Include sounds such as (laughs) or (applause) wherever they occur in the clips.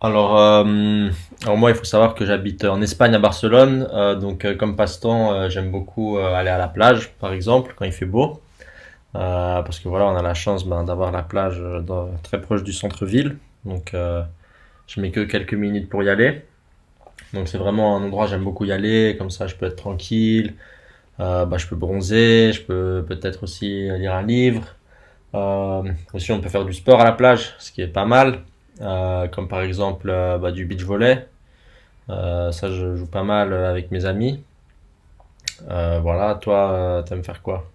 Alors, euh, alors, moi, il faut savoir que j'habite en Espagne, à Barcelone. Donc, comme passe-temps, j'aime beaucoup aller à la plage, par exemple, quand il fait beau. Parce que voilà, on a la chance ben, d'avoir la plage très proche du centre-ville. Donc, je mets que quelques minutes pour y aller. Donc, c'est vraiment un endroit, j'aime beaucoup y aller. Comme ça, je peux être tranquille. Bah, je peux bronzer. Je peux peut-être aussi lire un livre. Euh, Aussi, on peut faire du sport à la plage, ce qui est pas mal. Comme par exemple, bah, du beach volley. Ça, je joue pas mal avec mes amis. Voilà, toi, t'aimes faire quoi?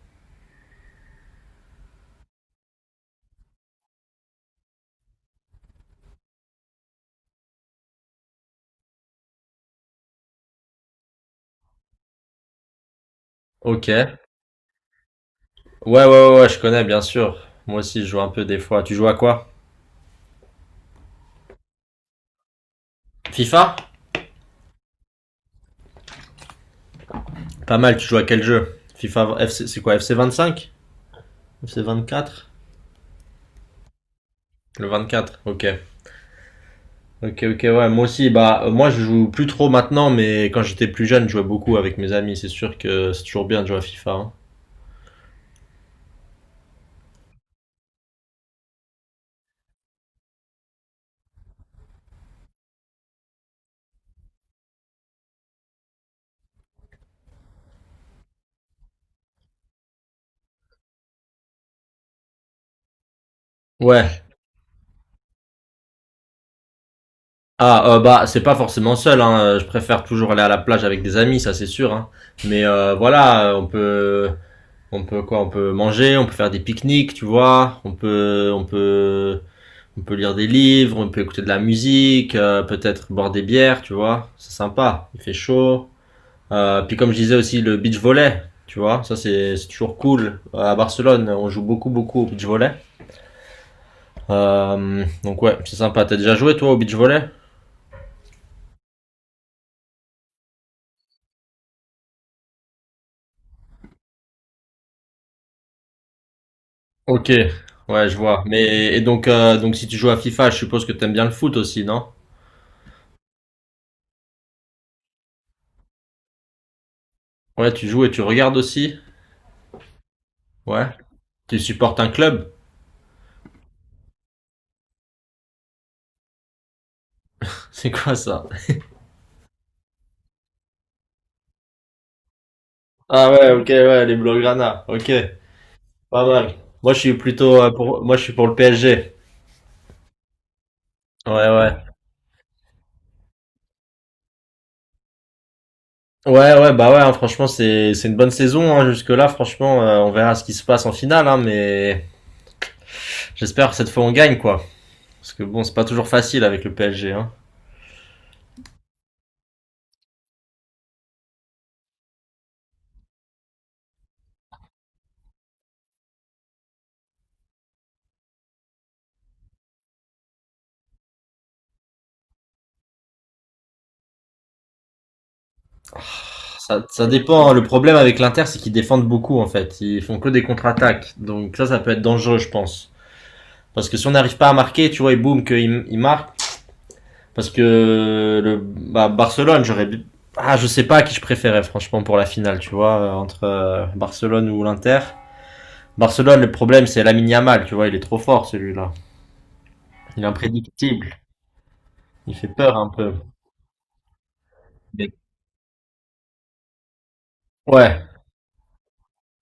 Ok. Ouais, ouais, ouais, ouais, je connais, bien sûr. Moi aussi, je joue un peu des fois. Tu joues à quoi? FIFA? Pas mal, tu joues à quel jeu? FIFA, FC, c'est quoi? FC 25? FC 24. Le 24. Ok. Ok, ok, ouais, moi aussi, bah, moi je joue plus trop maintenant, mais quand j'étais plus jeune, je jouais beaucoup avec mes amis. C'est sûr que c'est toujours bien de jouer à FIFA, hein. Ouais. Ah, bah c'est pas forcément seul, hein. Je préfère toujours aller à la plage avec des amis, ça c'est sûr, hein. Mais voilà, on peut quoi, on peut manger, on peut faire des pique-niques, tu vois, on peut on peut on peut lire des livres, on peut écouter de la musique, peut-être boire des bières, tu vois, c'est sympa, il fait chaud. Puis comme je disais aussi, le beach volley, tu vois, ça c'est toujours cool. À Barcelone, on joue beaucoup beaucoup au beach volley. Donc ouais, c'est sympa. T'as déjà joué, toi, au beach volley? Ok, ouais, je vois. Mais et donc, si tu joues à FIFA, je suppose que t'aimes bien le foot aussi, non? Ouais, tu joues et tu regardes aussi? Ouais. Tu supportes un club? (laughs) C'est quoi ça? Ah ouais, ok, ouais, les Blaugrana. Ok, pas mal. Moi, je suis moi, je suis pour le PSG. Ouais, ouais. Ouais, ouais, bah ouais, hein, franchement, c'est une bonne saison, hein, jusque-là, franchement, on verra ce qui se passe en finale, hein, mais j'espère que cette fois on gagne, quoi. Parce que bon, c'est pas toujours facile avec le PSG, hein. Ça dépend, hein. Le problème avec l'Inter, c'est qu'ils défendent beaucoup en fait. Ils font que des contre-attaques. Donc ça peut être dangereux, je pense. Parce que si on n'arrive pas à marquer, tu vois, et boum, qu'ils marquent. Parce que le bah, Barcelone, je sais pas à qui je préférais franchement pour la finale, tu vois, entre Barcelone ou l'Inter. Barcelone, le problème, c'est Lamine Yamal, tu vois, il est trop fort, celui-là. Il est imprédictible, il fait peur un peu. Ouais.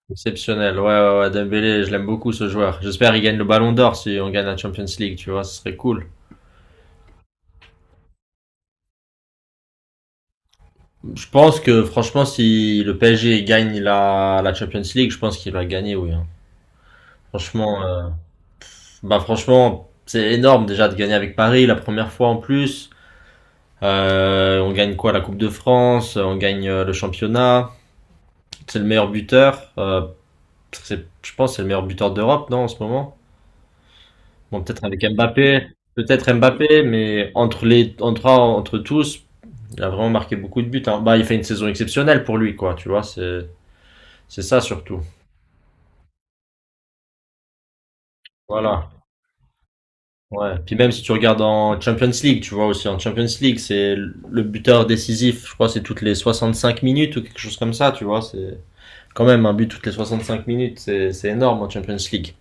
Exceptionnel, ouais, ouais, ouais, Dembélé, je l'aime beaucoup, ce joueur. J'espère qu'il gagne le Ballon d'Or si on gagne la Champions League, tu vois, ce serait cool. Je pense que franchement, si le PSG gagne la Champions League, je pense qu'il va gagner, oui, hein. Franchement, euh, Bah franchement, c'est énorme déjà de gagner avec Paris la première fois en plus. On gagne quoi, la Coupe de France, on gagne le championnat. C'est le meilleur buteur. C'est, je pense, que c'est le meilleur buteur d'Europe, non, en ce moment. Bon, peut-être avec Mbappé, mais entre les, entre entre tous. Il a vraiment marqué beaucoup de buts, hein. Bah, il fait une saison exceptionnelle pour lui, quoi. Tu vois, c'est ça surtout. Voilà. Ouais. Puis même si tu regardes en Champions League, tu vois aussi, en Champions League, c'est le buteur décisif. Je crois c'est toutes les 65 minutes ou quelque chose comme ça. Tu vois, c'est quand même un but toutes les 65 minutes. C'est énorme en Champions League.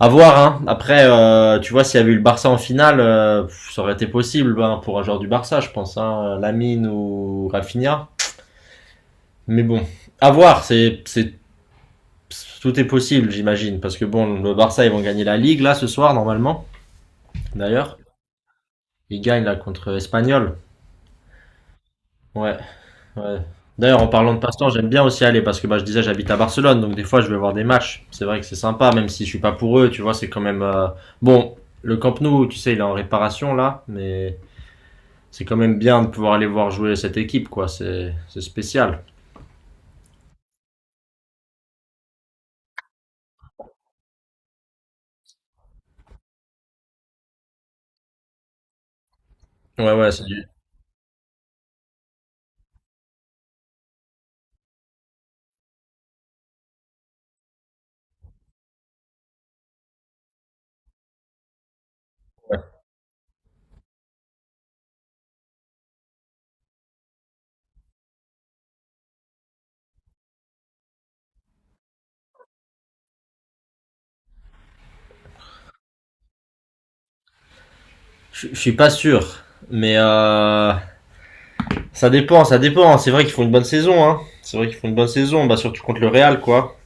À voir. Hein. Après, tu vois, s'il y avait eu le Barça en finale, pff, ça aurait été possible ben, pour un joueur du Barça, je pense. Hein. Lamine ou Rafinha. Mais bon, à voir. C'est Tout est possible, j'imagine, parce que bon, le Barça, ils vont gagner la Ligue là ce soir, normalement. D'ailleurs, ils gagnent là contre Espanyol. Ouais, ouais. D'ailleurs, en parlant de passe-temps, j'aime bien aussi aller parce que bah, je disais, j'habite à Barcelone, donc des fois, je vais voir des matchs. C'est vrai que c'est sympa, même si je suis pas pour eux, tu vois, c'est quand même bon. Le Camp Nou, tu sais, il est en réparation là, mais c'est quand même bien de pouvoir aller voir jouer cette équipe, quoi. C'est spécial. Ouais, ouais, ouais. Je suis pas sûr, mais ça dépend, ça dépend. C'est vrai qu'ils font une bonne saison. Hein. C'est vrai qu'ils font une bonne saison, bah, surtout contre le Real, quoi.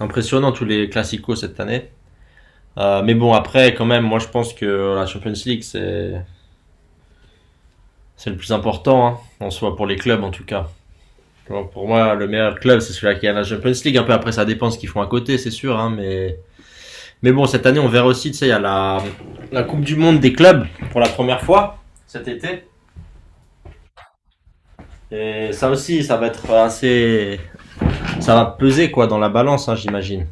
Impressionnant tous les classicos cette année. Mais bon, après, quand même, moi je pense que la Champions League, c'est le plus important, hein, en soi, pour les clubs en tout cas. Pour moi, le meilleur club, c'est celui qui a la Champions League. Un peu après, ça dépend de ce qu'ils font à côté, c'est sûr. Hein, mais bon, cette année, on verra aussi, tu sais, il y a la Coupe du Monde des clubs pour la première fois cet été. Et ça aussi, ça va peser, quoi, dans la balance, hein, j'imagine.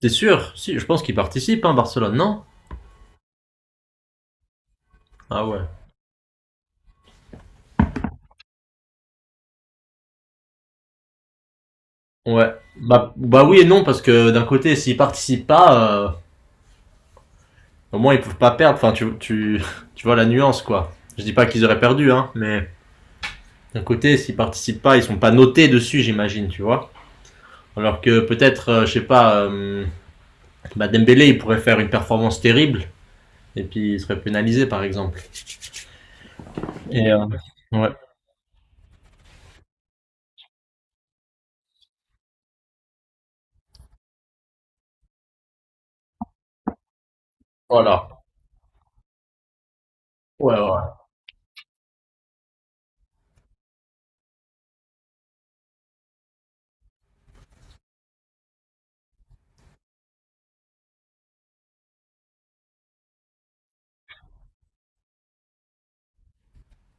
T'es sûr? Si, je pense qu'il participe, hein, Barcelone, non? Ah ouais. Ouais. Bah, oui et non, parce que d'un côté, s'ils participent pas, au moins ils peuvent pas perdre. Enfin, (laughs) tu vois la nuance, quoi. Je dis pas qu'ils auraient perdu, hein, mais d'un côté, s'ils participent pas, ils sont pas notés dessus, j'imagine, tu vois. Alors que peut-être, je sais pas, bah Dembélé, il pourrait faire une performance terrible, et puis il serait pénalisé, par exemple. Et euh, ouais. Voilà. Ouais, ouais.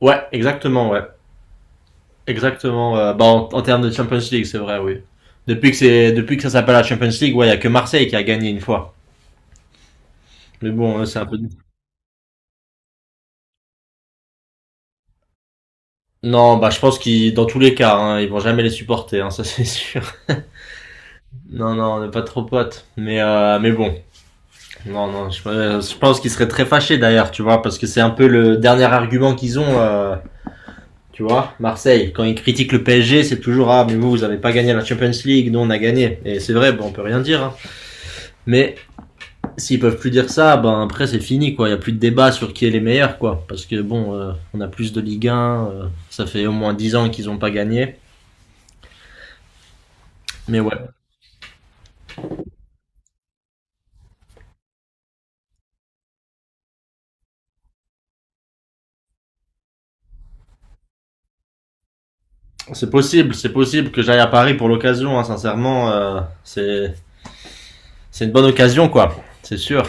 Ouais, exactement, ouais. Exactement. Bah, en termes de Champions League, c'est vrai, oui. Depuis que ça s'appelle la Champions League, ouais, il y a que Marseille qui a gagné une fois. Mais bon, c'est un peu. Non, bah, je pense qu'ils, dans tous les cas, hein, ils vont jamais les supporter, hein, ça c'est (laughs) sûr. Non, non, on n'est pas trop potes. Mais bon, non, non, je pense qu'ils seraient très fâchés d'ailleurs, tu vois, parce que c'est un peu le dernier argument qu'ils ont. Tu vois, Marseille, quand ils critiquent le PSG, c'est toujours "ah mais vous vous avez pas gagné la Champions League, nous on a gagné." Et c'est vrai, bon, on peut rien dire, hein. Mais s'ils peuvent plus dire ça, ben après c'est fini, quoi. Il y a plus de débat sur qui est les meilleurs, quoi. Parce que bon, on a plus de Ligue 1. Ça fait au moins 10 ans qu'ils ont pas gagné. Mais ouais, c'est possible que j'aille à Paris pour l'occasion. Hein, sincèrement, c'est une bonne occasion, quoi. C'est sûr.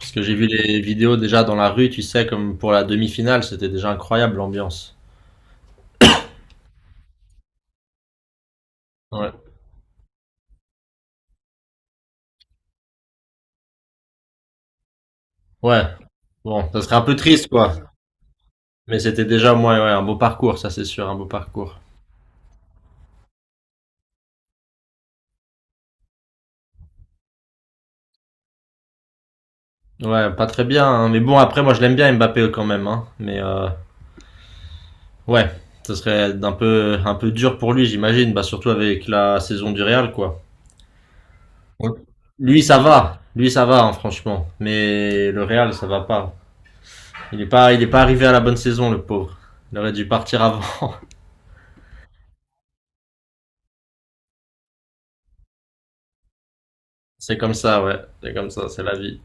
Parce que j'ai vu les vidéos déjà dans la rue, tu sais, comme pour la demi-finale, c'était déjà incroyable, l'ambiance. Ouais. Ouais. Bon, ça serait un peu triste, quoi. Mais c'était déjà, moi, ouais, un beau parcours, ça c'est sûr, un beau parcours. Ouais, pas très bien, hein. Mais bon, après, moi, je l'aime bien Mbappé quand même. Hein. Mais ouais, ce serait un peu dur pour lui, j'imagine. Bah, surtout avec la saison du Real, quoi. Ouais. Lui, ça va. Lui, ça va, hein, franchement. Mais le Real, ça va pas. Il est pas arrivé à la bonne saison, le pauvre. Il aurait dû partir avant. (laughs) C'est comme ça, ouais. C'est comme ça, c'est la vie.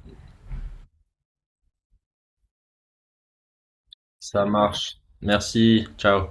Ça marche. Merci. Ciao.